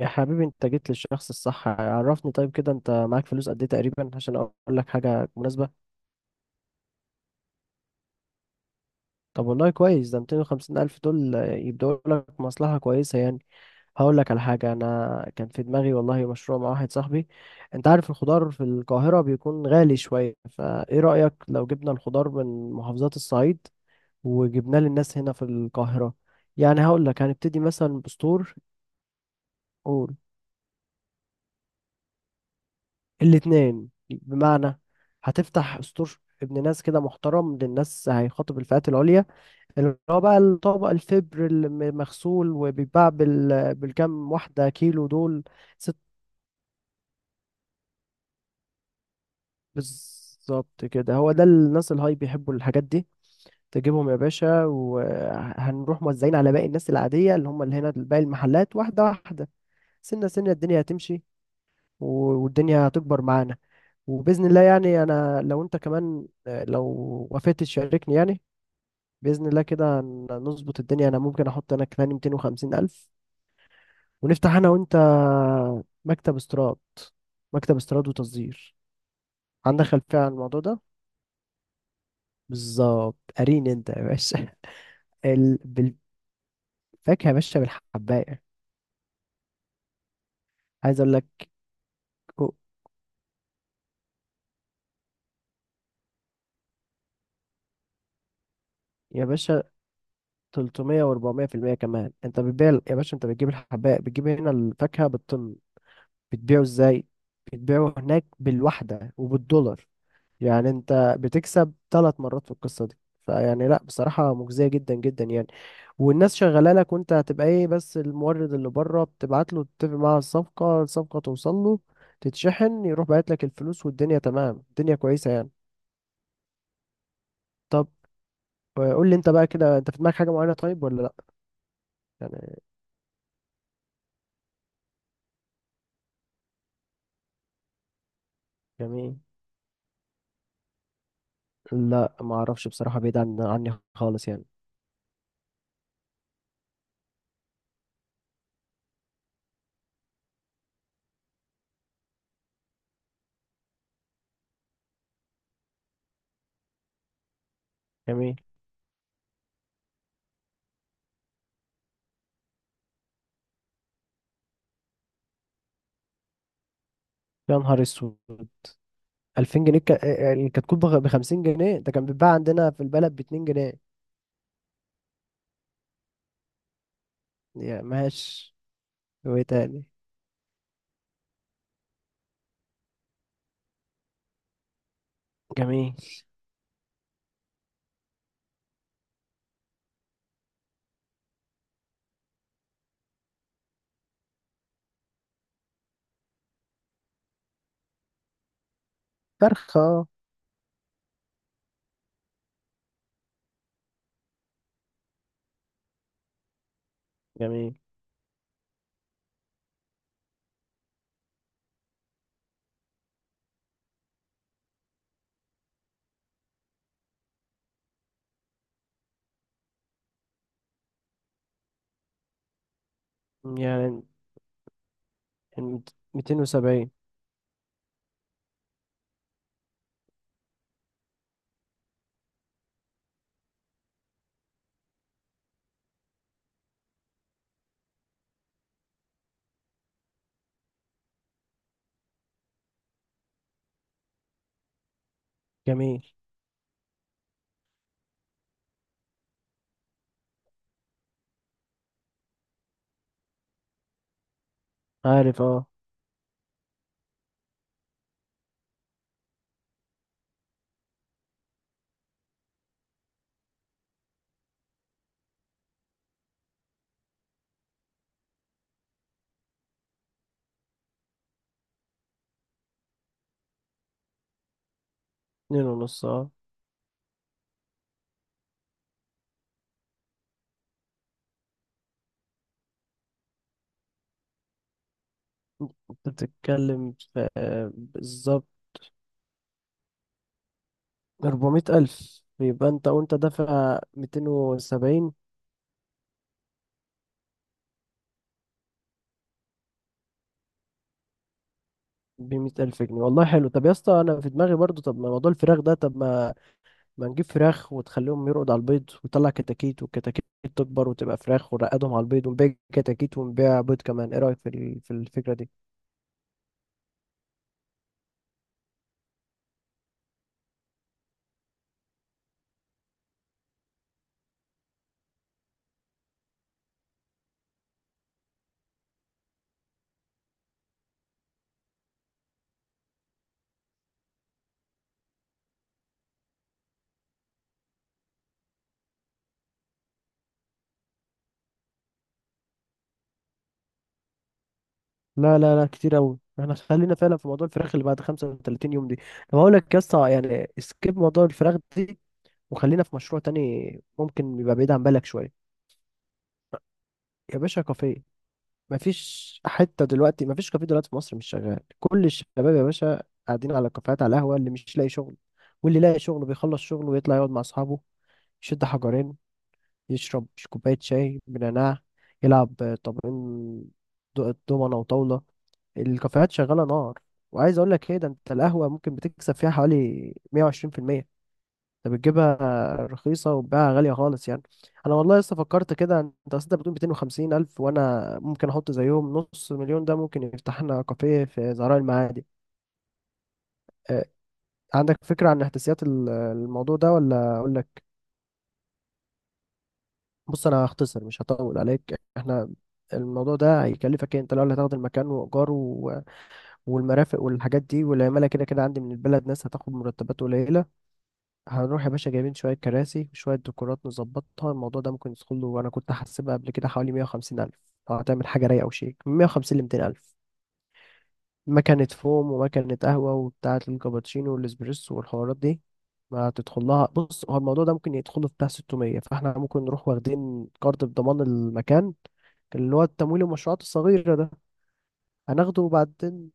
يا حبيبي انت جيت للشخص الصح. عرفني طيب، كده انت معاك فلوس قد ايه تقريبا عشان اقول لك حاجة مناسبة. طب والله كويس، ده 250 الف دول يبدأوا لك مصلحة كويسة يعني. هقول لك على حاجة انا كان في دماغي والله، مشروع مع واحد صاحبي. انت عارف الخضار في القاهرة بيكون غالي شوية، فايه رأيك لو جبنا الخضار من محافظات الصعيد وجبناه للناس هنا في القاهرة؟ يعني هقول لك هنبتدي مثلا بستور. الاتنين بمعنى، هتفتح ستور ابن ناس كده محترم للناس، هيخاطب الفئات العليا، اللي هو بقى الطبق الفبر المغسول، وبيتباع بالكام واحدة كيلو دول. ست. بالظبط كده، هو ده الناس الهاي بيحبوا الحاجات دي. تجيبهم يا باشا وهنروح موزعين على باقي الناس العادية، اللي هم اللي هنا باقي المحلات واحدة واحدة، سنة سنة الدنيا هتمشي. والدنيا هتكبر معانا وباذن الله. يعني انا لو انت كمان، لو وافقت تشاركني يعني، باذن الله كده نظبط الدنيا. انا ممكن احط انا كمان 250 الف، ونفتح انا وانت مكتب استيراد، مكتب استيراد وتصدير. عندك خلفيه عن الموضوع ده؟ بالظبط، قارين انت يا باشا. بالفاكهه يا باشا، بالحبايه. عايز اقول لك. أو- يا باشا 300 و400% كمان انت بتبيع. يا باشا انت بتجيب الحبايه، بتجيب هنا الفاكهه بالطن، بتبيعه ازاي؟ بتبيعه هناك بالوحدة وبالدولار. يعني انت بتكسب ثلاث مرات في القصة دي. فيعني لا، بصراحة مجزية جدا جدا يعني. والناس شغاله لك، وانت هتبقى ايه بس؟ المورد اللي بره بتبعت له، تتفق معاه على الصفقه، الصفقه توصل له تتشحن، يروح باعت لك الفلوس، والدنيا تمام، الدنيا كويسه يعني. طب، قول لي انت بقى كده، انت في دماغك حاجه معينه طيب ولا لا؟ يعني جميل. لا ما اعرفش بصراحه، بعيد عن عني خالص يعني. جميل. يا نهار اسود، 2000 جنيه! الكتكوت ب 50 جنيه؟ ده كان بيتباع عندنا في البلد ب 2 جنيه. يعني ماشي، وايه تاني؟ جميل. فرخة اه. جميل. يعني 270. جميل. عارف اه. اتنين ونص اه. انت بتتكلم في، بالظبط. 400 ألف. يبقى انت وانت دافع 270، ب 100 ألف جنيه. والله حلو. طب يا اسطى، انا في دماغي برضو، طب ما موضوع الفراخ ده، طب ما ما نجيب فراخ وتخليهم يرقدوا على البيض وتطلع كتاكيت، والكتاكيت تكبر وتبقى فراخ ونرقدهم على البيض، ونبيع كتاكيت ونبيع بيض كمان. ايه رأيك في في الفكرة دي؟ لا لا لا كتير قوي، احنا خلينا فعلا في موضوع الفراخ اللي بعد 35 يوم دي. طب هقول لك يا اسطى، يعني سكيب موضوع الفراخ دي، وخلينا في مشروع تاني ممكن يبقى بعيد عن بالك شوية. يا باشا، كافيه! مفيش حتة دلوقتي مفيش كافيه دلوقتي في مصر مش شغال. كل الشباب يا باشا قاعدين على الكافيهات، على القهوة، اللي مش لاقي شغل واللي لاقي شغل بيخلص شغله ويطلع يقعد مع اصحابه، يشد حجرين، يشرب كوباية شاي بنعناع، يلعب طابين، دومنة وطاولة. الكافيهات شغالة نار. وعايز أقول لك إيه، ده أنت القهوة ممكن بتكسب فيها حوالي 120%. أنت بتجيبها رخيصة وبتبيعها غالية خالص يعني. أنا والله لسه فكرت كده، أنت أصل أنت بتقول 250 ألف، وأنا ممكن أحط زيهم نص مليون، ده ممكن يفتح لنا كافيه في زهراء المعادي. أه، عندك فكرة عن إحداثيات الموضوع ده ولا أقول؟ بص انا هختصر مش هطول عليك. احنا الموضوع ده هيكلفك إيه؟ انت الاول هتاخد المكان وايجاره والمرافق والحاجات دي، والعماله كده كده عندي من البلد ناس هتاخد مرتبات قليله. هنروح يا باشا جايبين شويه كراسي وشويه ديكورات نظبطها، الموضوع ده ممكن يدخل له، وانا كنت حاسبها قبل كده حوالي 150 الف. لو هتعمل حاجه رايقه وشيك، من 150 ل 200 الف. مكنه فوم ومكنه قهوه وبتاعه الكابتشينو والاسبريسو والحوارات دي ما هتدخل لها. بص هو الموضوع ده ممكن يدخله في بتاع 600، فاحنا ممكن نروح واخدين كارد بضمان المكان، اللي هو التمويل المشروعات الصغيرة ده. هناخده وبعدين،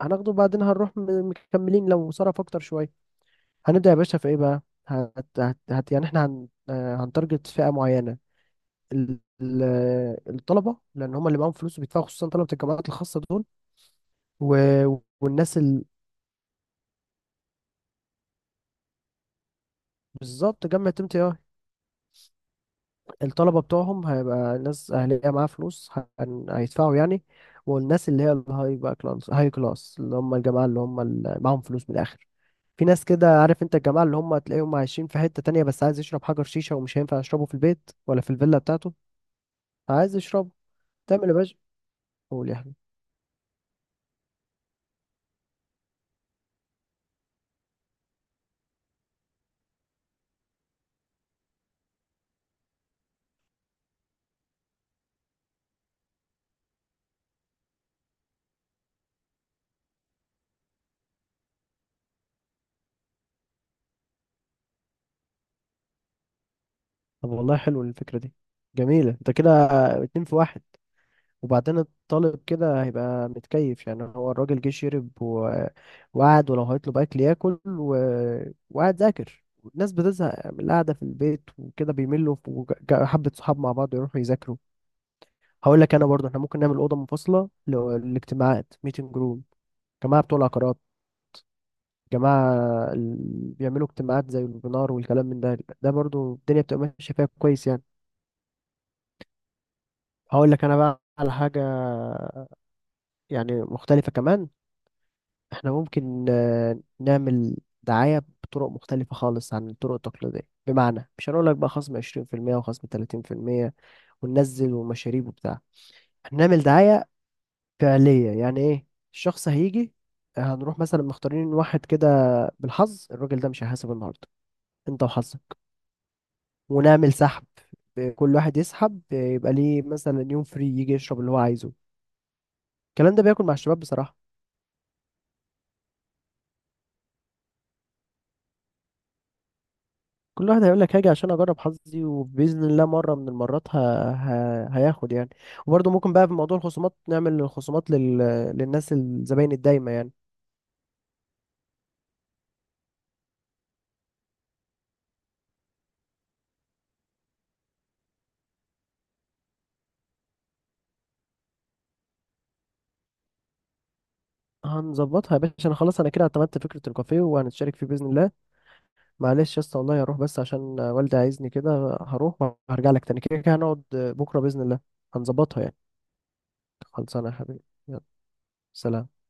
هناخده وبعدين هنروح مكملين لو صرف أكتر شوية. هنبدأ يا باشا في إيه بقى؟ يعني إحنا هنتارجت فئة معينة، ال... ال- الطلبة، لأن هم اللي معاهم فلوس وبيدفعوا، خصوصا طلبة الجامعات الخاصة دول. و... والناس بالظبط، جامعة ام تي اي. الطلبة بتوعهم هيبقى ناس أهلية معاها فلوس، هيدفعوا يعني. والناس اللي هي الهاي بقى، كلاس هاي كلاس، اللي هم الجماعة اللي هم اللي معاهم فلوس من الآخر. في ناس كده عارف انت، الجماعة اللي هم تلاقيهم عايشين في حتة تانية، بس عايز يشرب حجر شيشة ومش هينفع يشربه في البيت ولا في الفيلا بتاعته. عايز يشربه. تعمل يا باشا، قول يا حبيبي. طب والله حلو الفكرة دي. جميلة، انت كده اتنين في واحد. وبعدين الطالب كده هيبقى متكيف، يعني هو الراجل جه شرب وقعد، ولو هيطلب أكل ياكل وقعد ذاكر. الناس بتزهق من القعدة في البيت وكده بيملوا، وحبة صحاب مع بعض يروحوا يذاكروا. هقول لك انا برضه، احنا ممكن نعمل اوضه منفصله للاجتماعات، ميتنج روم. جماعة بتوع العقارات، جماعة اللي بيعملوا اجتماعات زي الويبينار والكلام من ده، ده برضو الدنيا بتبقى ماشية فيها كويس يعني. هقول لك أنا بقى على حاجة يعني مختلفة كمان. احنا ممكن، نعمل دعاية بطرق مختلفة خالص عن الطرق التقليدية. بمعنى مش هنقول لك بقى خصم 20% وخصم 30% وننزل ومشاريب وبتاع. هنعمل دعاية فعلية، يعني ايه؟ الشخص هيجي، هنروح مثلا مختارين واحد كده بالحظ، الراجل ده مش هيحاسب النهارده، انت وحظك. ونعمل سحب، كل واحد يسحب يبقى ليه مثلا يوم فري يجي يشرب اللي هو عايزه. الكلام ده بياكل مع الشباب بصراحة. كل واحد هيقول لك هاجي عشان اجرب حظي، وباذن الله مره من المرات هياخد يعني. وبرضه ممكن بقى في موضوع الخصومات نعمل خصومات للناس الزباين الدايمه يعني. هنظبطها يا باشا، انا خلاص انا كده اعتمدت فكره الكافيه وهنتشارك فيه باذن الله. معلش يا اسطى، والله هروح بس عشان والدي عايزني كده، هروح وهرجع لك تاني، كده كده هنقعد بكره باذن الله هنظبطها يعني. خلصانه. يا حبيبي، يلا. سلام.